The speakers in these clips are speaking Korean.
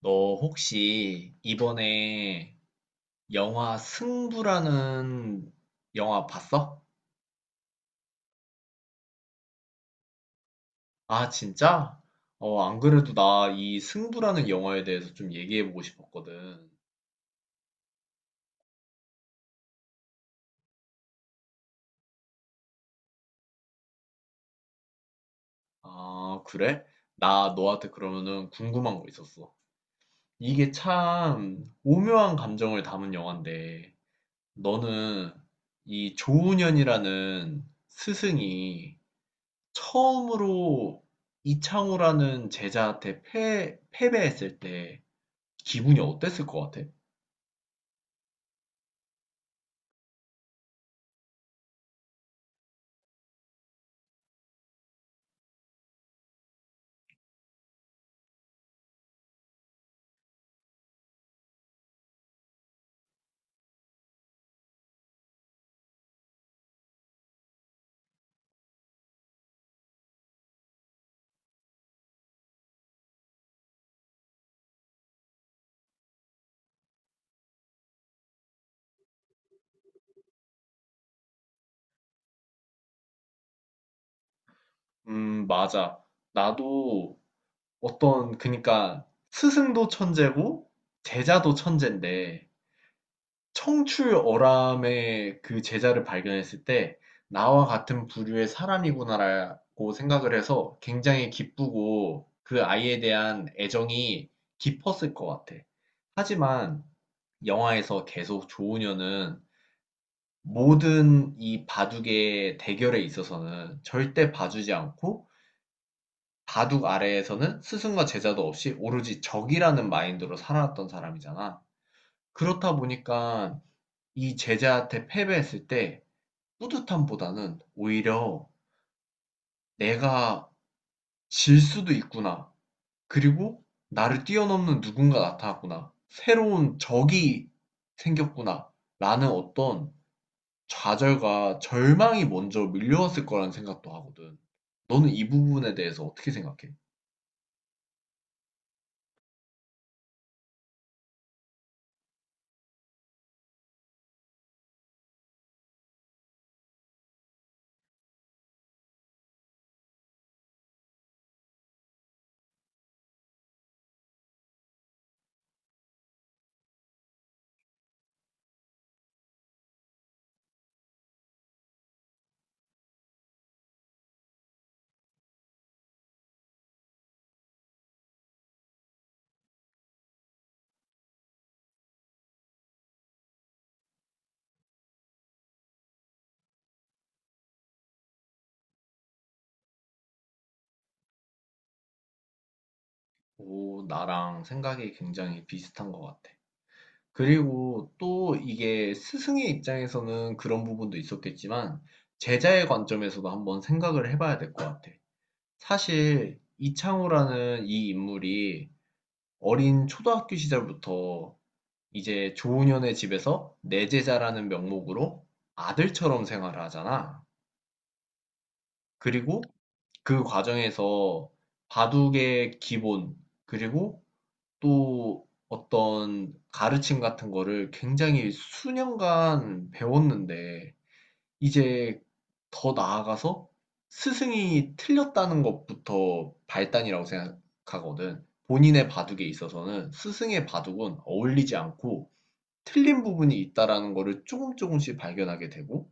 너 혹시 이번에 영화 승부라는 영화 봤어? 아, 진짜? 안 그래도 나 이 승부라는 영화에 대해서 좀 얘기해보고 싶었거든. 아, 그래? 나 너한테 그러면은 궁금한 거 있었어. 이게 참 오묘한 감정을 담은 영화인데, 너는 이 조훈현이라는 스승이 처음으로 이창호라는 제자한테 패배했을 때 기분이 어땠을 것 같아? 맞아. 나도 어떤, 그니까 스승도 천재고 제자도 천재인데 청출어람의 그 제자를 발견했을 때 나와 같은 부류의 사람이구나라고 생각을 해서 굉장히 기쁘고 그 아이에 대한 애정이 깊었을 것 같아. 하지만 영화에서 계속 조우녀는 모든 이 바둑의 대결에 있어서는 절대 봐주지 않고 바둑 아래에서는 스승과 제자도 없이 오로지 적이라는 마인드로 살아왔던 사람이잖아. 그렇다 보니까 이 제자한테 패배했을 때 뿌듯함보다는 오히려 '내가 질 수도 있구나. 그리고 나를 뛰어넘는 누군가 나타났구나. 새로운 적이 생겼구나.'라는 어떤 좌절과 절망이 먼저 밀려왔을 거라는 생각도 하거든. 너는 이 부분에 대해서 어떻게 생각해? 오, 나랑 생각이 굉장히 비슷한 것 같아. 그리고 또 이게 스승의 입장에서는 그런 부분도 있었겠지만 제자의 관점에서도 한번 생각을 해봐야 될 것 같아. 사실 이창호라는 이 인물이 어린 초등학교 시절부터 이제 조은현의 집에서 내 제자라는 명목으로 아들처럼 생활을 하잖아. 그리고 그 과정에서 바둑의 기본, 그리고 또 어떤 가르침 같은 거를 굉장히 수년간 배웠는데 이제 더 나아가서 스승이 틀렸다는 것부터 발단이라고 생각하거든. 본인의 바둑에 있어서는 스승의 바둑은 어울리지 않고 틀린 부분이 있다라는 거를 조금 조금씩 발견하게 되고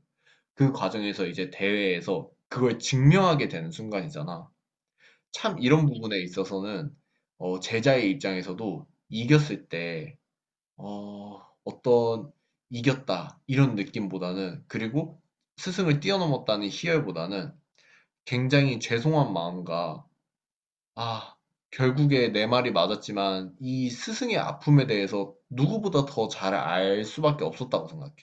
그 과정에서 이제 대회에서 그걸 증명하게 되는 순간이잖아. 참 이런 부분에 있어서는 제자의 입장에서도 이겼을 때 어떤 이겼다 이런 느낌보다는 그리고 스승을 뛰어넘었다는 희열보다는 굉장히 죄송한 마음과 아, 결국에 내 말이 맞았지만 이 스승의 아픔에 대해서 누구보다 더 잘 알 수밖에 없었다고 생각해.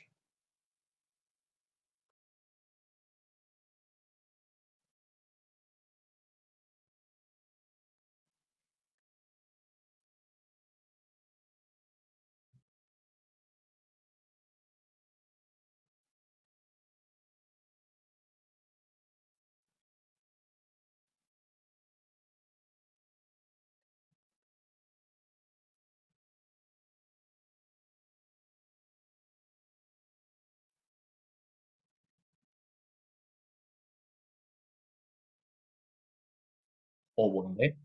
어, 뭔데?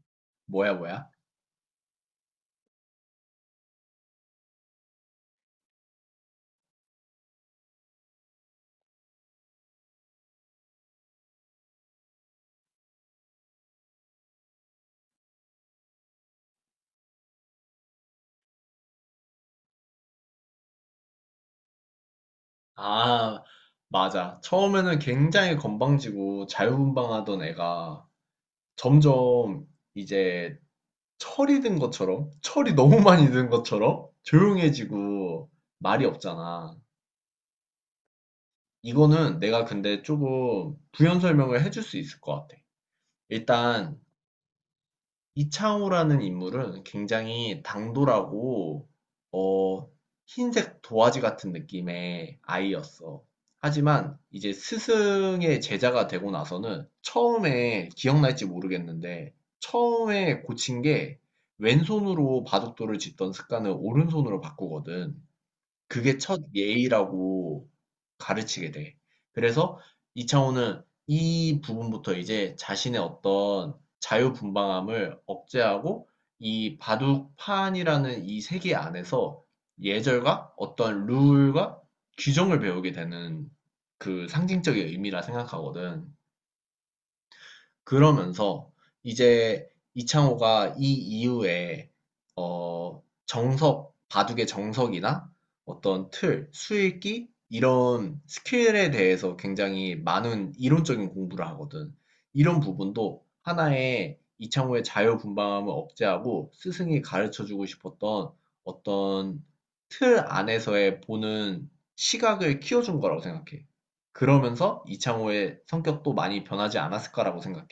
뭐야, 뭐야? 아, 맞아. 처음에는 굉장히 건방지고 자유분방하던 애가 점점 이제 철이 든 것처럼, 철이 너무 많이 든 것처럼 조용해지고 말이 없잖아. 이거는 내가 근데 조금 부연 설명을 해줄 수 있을 것 같아. 일단 이창호라는 인물은 굉장히 당돌하고 어 흰색 도화지 같은 느낌의 아이였어. 하지만 이제 스승의 제자가 되고 나서는 처음에 기억날지 모르겠는데 처음에 고친 게 왼손으로 바둑돌을 짓던 습관을 오른손으로 바꾸거든. 그게 첫 예의라고 가르치게 돼. 그래서 이창호는 이 부분부터 이제 자신의 어떤 자유분방함을 억제하고 이 바둑판이라는 이 세계 안에서 예절과 어떤 룰과 규정을 배우게 되는 그 상징적인 의미라 생각하거든. 그러면서 이제 이창호가 이 이후에 정석, 바둑의 정석이나 어떤 틀, 수읽기 이런 스킬에 대해서 굉장히 많은 이론적인 공부를 하거든. 이런 부분도 하나의 이창호의 자유분방함을 억제하고 스승이 가르쳐주고 싶었던 어떤 틀 안에서의 보는 시각을 키워준 거라고 생각해. 그러면서 이창호의 성격도 많이 변하지 않았을까라고 생각해.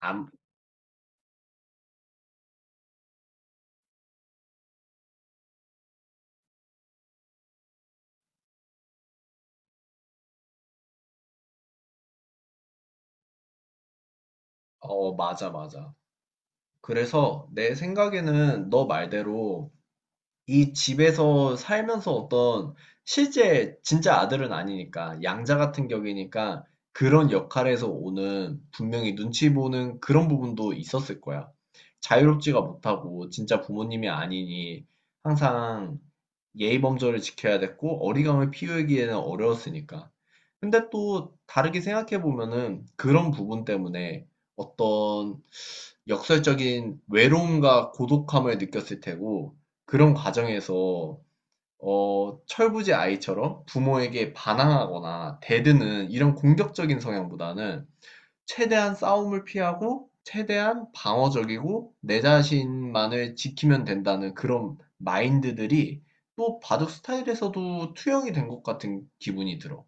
안, 어, 맞아, 맞아. 그래서 내 생각에는 너 말대로 이 집에서 살면서 어떤 실제 진짜 아들은 아니니까 양자 같은 격이니까 그런 역할에서 오는 분명히 눈치 보는 그런 부분도 있었을 거야. 자유롭지가 못하고 진짜 부모님이 아니니 항상 예의 범절을 지켜야 됐고 어리광을 피우기에는 어려웠으니까. 근데 또 다르게 생각해 보면은 그런 부분 때문에 어떤 역설적인 외로움과 고독함을 느꼈을 테고 그런 과정에서 철부지 아이처럼 부모에게 반항하거나 대드는 이런 공격적인 성향보다는 최대한 싸움을 피하고 최대한 방어적이고 내 자신만을 지키면 된다는 그런 마인드들이 또 바둑 스타일에서도 투영이 된 것 같은 기분이 들어.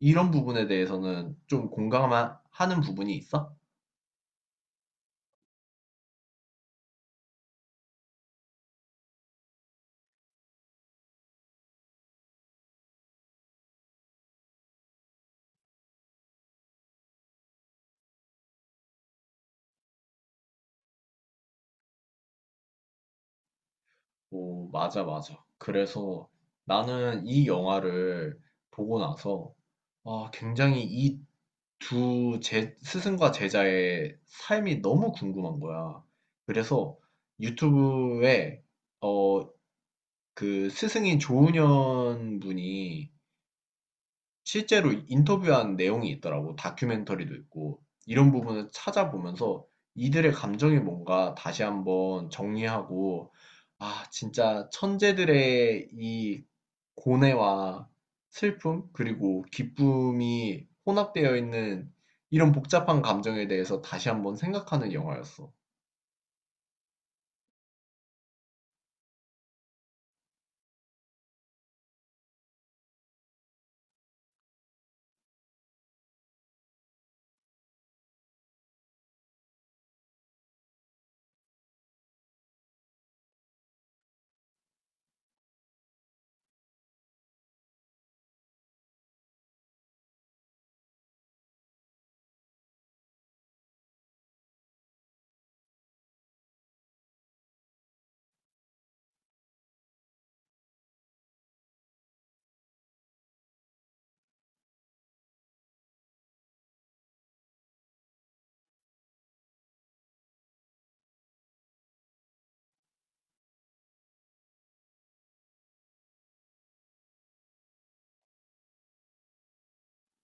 이런 부분에 대해서는 좀 공감하는 부분이 있어? 오, 맞아, 맞아. 그래서 나는 이 영화를 보고 나서 아, 굉장히 이 두 스승과 제자의 삶이 너무 궁금한 거야. 그래서 유튜브에 어, 그 스승인 조은현 분이 실제로 인터뷰한 내용이 있더라고. 다큐멘터리도 있고. 이런 부분을 찾아보면서 이들의 감정이 뭔가 다시 한번 정리하고, 아, 진짜 천재들의 이 고뇌와 슬픔, 그리고 기쁨이 혼합되어 있는 이런 복잡한 감정에 대해서 다시 한번 생각하는 영화였어.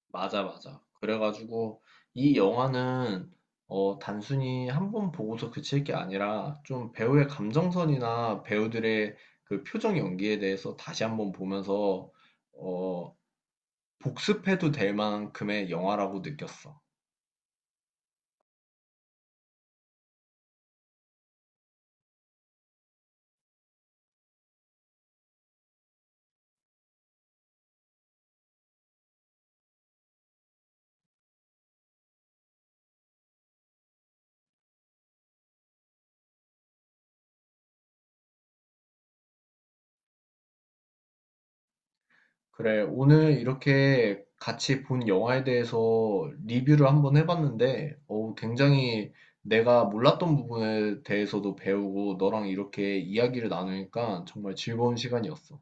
맞아, 맞아. 그래가지고 이 영화는 단순히 한번 보고서 그칠 게 아니라 좀 배우의 감정선이나 배우들의 그 표정 연기에 대해서 다시 한번 보면서 어, 복습해도 될 만큼의 영화라고 느꼈어. 그래, 오늘 이렇게 같이 본 영화에 대해서 리뷰를 한번 해봤는데 굉장히 내가 몰랐던 부분에 대해서도 배우고 너랑 이렇게 이야기를 나누니까 정말 즐거운 시간이었어.